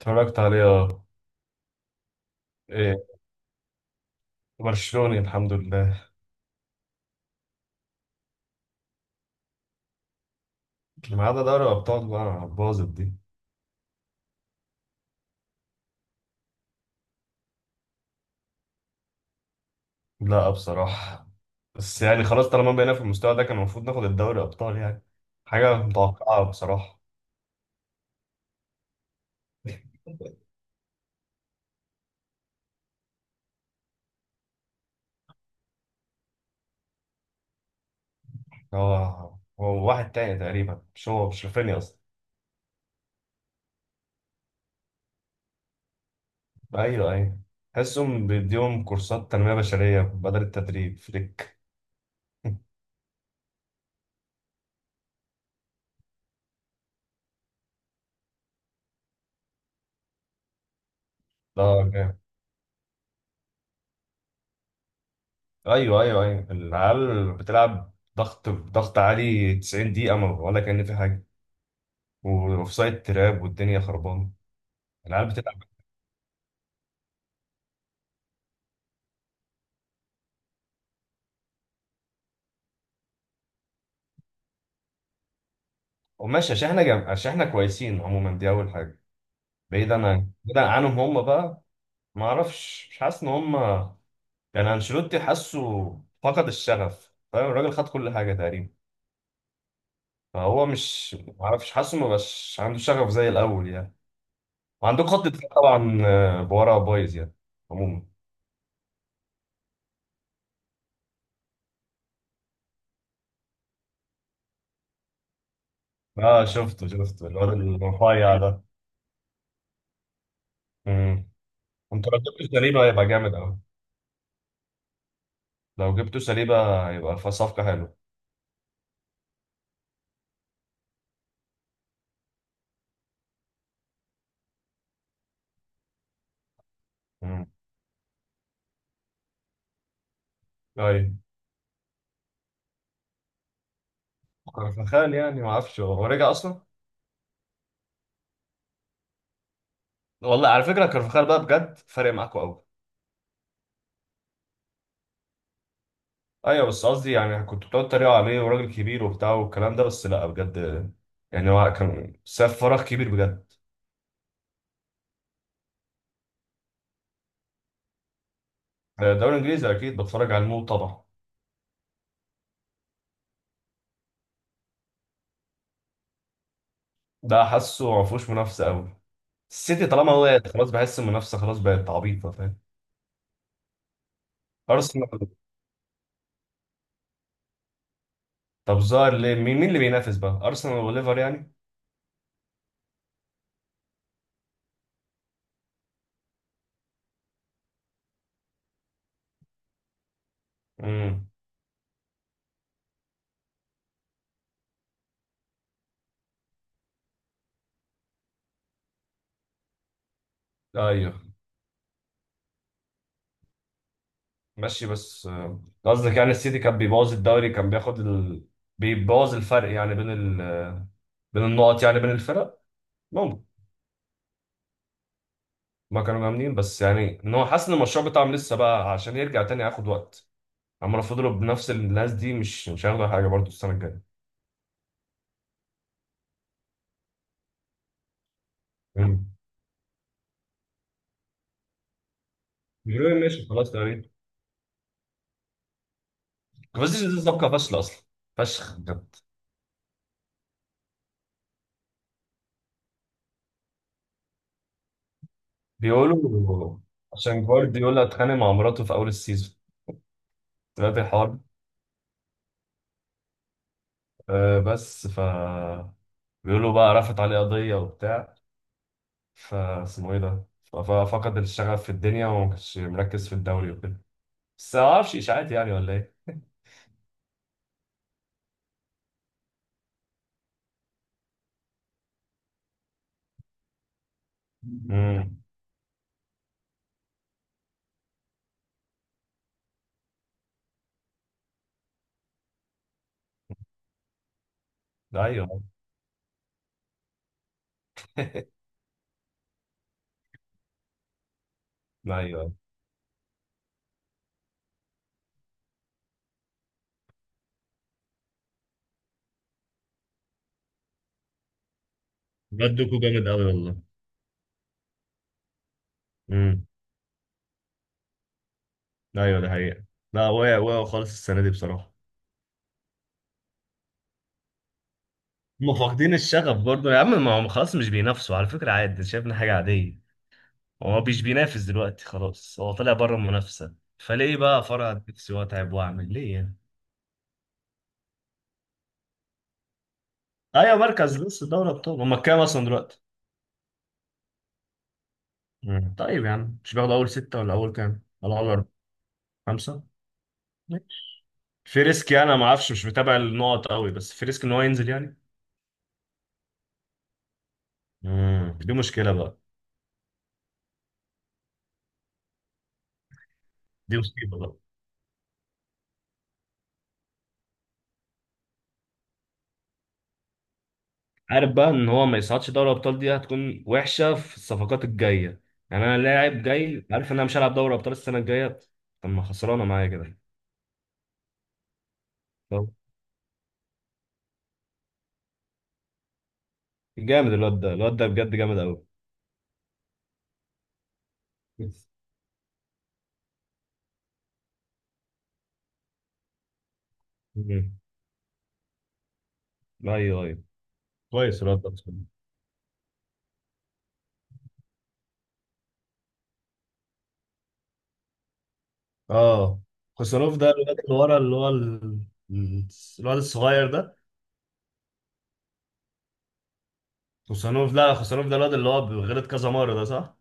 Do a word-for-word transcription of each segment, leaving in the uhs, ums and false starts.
اتفرجت عليه، اه. ايه. برشلوني، الحمد لله. ما عدا دوري الابطال بقى باظت دي. لا، بصراحه. بس يعني خلاص، طالما بقينا في المستوى ده كان المفروض ناخد الدوري ابطال يعني. حاجه متوقعه بصراحه. هو هو واحد تاني تقريبا، مش هو، مش رافينيا اصلا. ايوه، ايوه. تحسهم بيديهم كورسات تنميه بشريه بدل التدريب فليك. اه، جامد. ايوه، ايوه، ايوه. العيال بتلعب ضغط ضغط عالي 90 دقيقه، ما ولا كان في حاجه. واوف سايد تراب والدنيا خربانه. العيال بتلعب. وماشي عشان احنا جم... عشان احنا كويسين عموما، دي اول حاجه. بعيدا عن بعيدا عنهم هم بقى. ما اعرفش، مش حاسس ان هم، يعني انشيلوتي حاسه فقد الشغف، فاهم، الراجل خد كل حاجه تقريبا. فهو مش، ما اعرفش، حاسه ما بقاش عنده شغف زي الاول يعني. وعندك خط دفاع طبعا، آه، بورا بايظ يعني. عموما. اه، شفته شفته الواد الرفيع ده. امم. انت لو جبت سليبه هيبقى جامد قوي. لو جبت سليبه هيبقى في صفقه حلوه. ايوه. كارفاخال يعني ما اعرفش، هو هو رجع اصلا. والله على فكره كارفاخال بقى بجد فارق معاكوا قوي. ايوه، بس قصدي يعني كنت بتقعد تتريقوا عليه، وراجل كبير وبتاع والكلام ده، بس لا بجد، يعني هو كان ساب فراغ كبير بجد. الدوري الانجليزي اكيد بتفرج على المو طبعا. ده حاسه ما فيهوش منافسه قوي. السيتي طالما وقعت خلاص، بحس المنافسه خلاص بقت عبيطه، فاهم. ارسنال. طب ظهر ليه، مين مين اللي بينافس بقى، ارسنال وليفر يعني. امم. ايوه، ماشي. بس، آه، قصدك يعني السيتي كان بيبوظ الدوري، كان بياخد ال... بيبوظ الفرق يعني بين ال... بين النقط يعني بين الفرق. ممكن. ما كانوا جامدين، بس يعني ان هو حاسس ان المشروع بتاعهم لسه بقى، عشان يرجع تاني هياخد وقت. عمال فضلوا بنفس الناس دي، مش مش هياخدوا حاجه برضه السنه الجايه. مم. بيقولوا إيه، ماشي، خلاص تمام. كوفازيتش دي صفقه فاشله اصلا، فشخ بجد. بيقولوا عشان جوارديولا اتخانق مع مراته في اول السيزون. دلوقتي الحوار، آه، بس ف، بيقولوا بقى رفعت عليه قضيه وبتاع، فاسمه ايه ده، ف- ففقد الشغف في الدنيا وما كانش مركز في الدوري وكده. بس ما اعرفش، اشاعات يعني ولا ايه. امم. ايوه، ايوه. بجد، دوكو جامد قوي والله. امم. ايوه، ده حقيقة. لا، وقع وقع خالص السنة دي بصراحة. هم فاقدين الشغف برضه يا عم، ما هم خلاص مش بينافسوا، على فكرة عادي، شايفنا حاجة عادية. هو مش بينافس دلوقتي خلاص، هو طلع بره المنافسة، فليه بقى فرع نفسي واتعب واعمل ليه يعني. ايوه، مركز لسه دوري ابطال. هم كام اصلا دلوقتي؟ مم. طيب يا عم، مش باخده اول ستة، ولا اول كام، ولا اول أربعة؟ خمسة. ماشي. في ريسك، يعني انا ما اعرفش، مش متابع النقط قوي، بس في ريسك ان هو ينزل يعني. امم دي مشكلة بقى. دي مصيبة بقى. عارف بقى ان هو ما يصعدش دوري الابطال، دي هتكون وحشة في الصفقات الجاية. يعني انا لاعب جاي، عارف ان انا مش هلعب دوري ابطال السنة الجاية، طب ما خسرانة معايا كده. طب. جامد الواد ده، الواد ده بجد جامد قوي. مم. ايوه، ايوه. كويس الواد ده. اه. خوسانوف ده الواد اللي ورا، اللي هو ال- ال- الواد الصغير ده. خوسانوف، لا، خوسانوف ده الواد اللي هو غلط كذا مرة، ده صح؟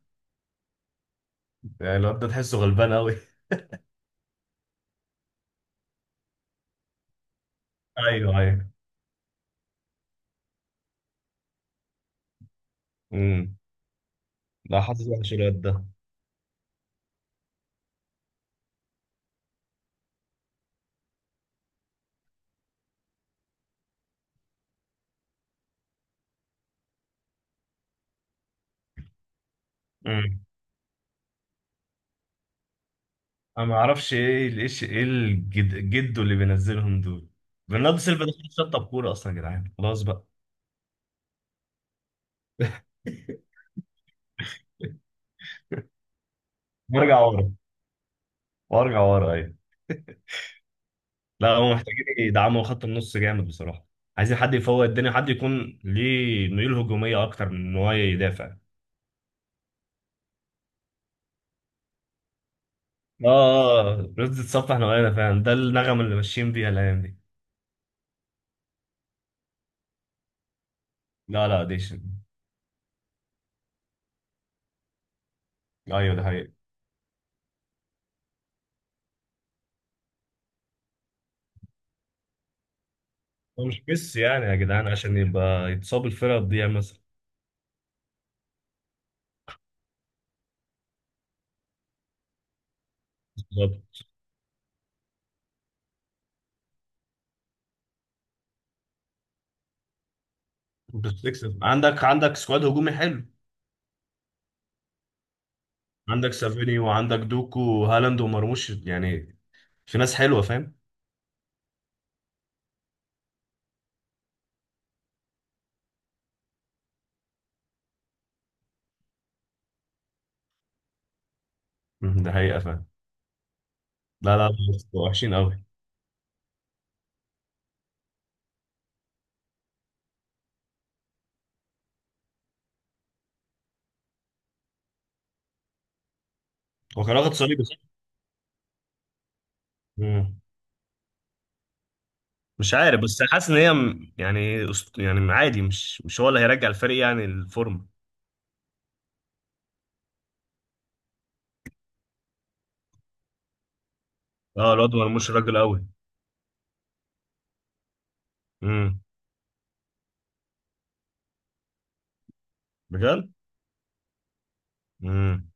يعني الواد ده تحسه غلبان قوي. ايوه، ايوه. امم. لا، حاسس وحش الواد ده. امم. انا ما اعرفش، ايه ال- ايش ايه الجد جدو اللي بينزلهم دول. برناردو سيلفا ده خلاص شطب كورة اصلا يا جدعان، خلاص بقى. وارجع ورا. وارجع ورا، ايوه. لا هم محتاجين يدعموا خط النص جامد بصراحة. عايزين حد يفوق الدنيا، حد يكون ليه ميول هجومية اكتر من ان هو يدافع. اه. اه، رز تتصفح نوعنا فعلا، ده النغمة اللي ماشيين بيها الايام دي. لا لا، اديشن. ايوه، ده حقيقي. هو مش ميسي يعني يا جدعان عشان يبقى يتصاب الفرقة تضيع مثلا. بالظبط. انت بتكسب، عندك عندك سكواد هجومي حلو. عندك سافيني وعندك دوكو وهالاند ومرموش يعني، في ناس حلوة، فاهم. مم، ده حقيقة، فاهم. لا لا لا، وحشين قوي. هو كان واخد صليبي، صح؟ مم. مش عارف، بس حاسس ان هي م- يعني أسط- يعني عادي، مش مش هو اللي هيرجع الفريق يعني الفورمة. اه، الواد مرموش راجل. قوي. بجد؟ امم.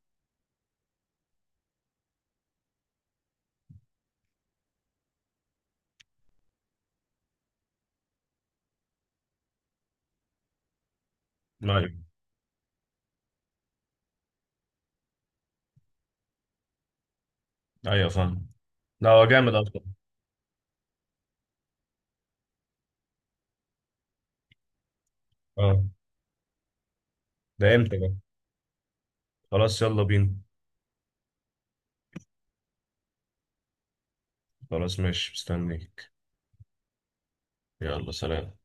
ايوه، ايوه، فاهم. لا، هو جامد اصلا. اه. ده امتى ده؟ خلاص، يلا بينا. خلاص، ماشي، مستنيك. يلا، سلام.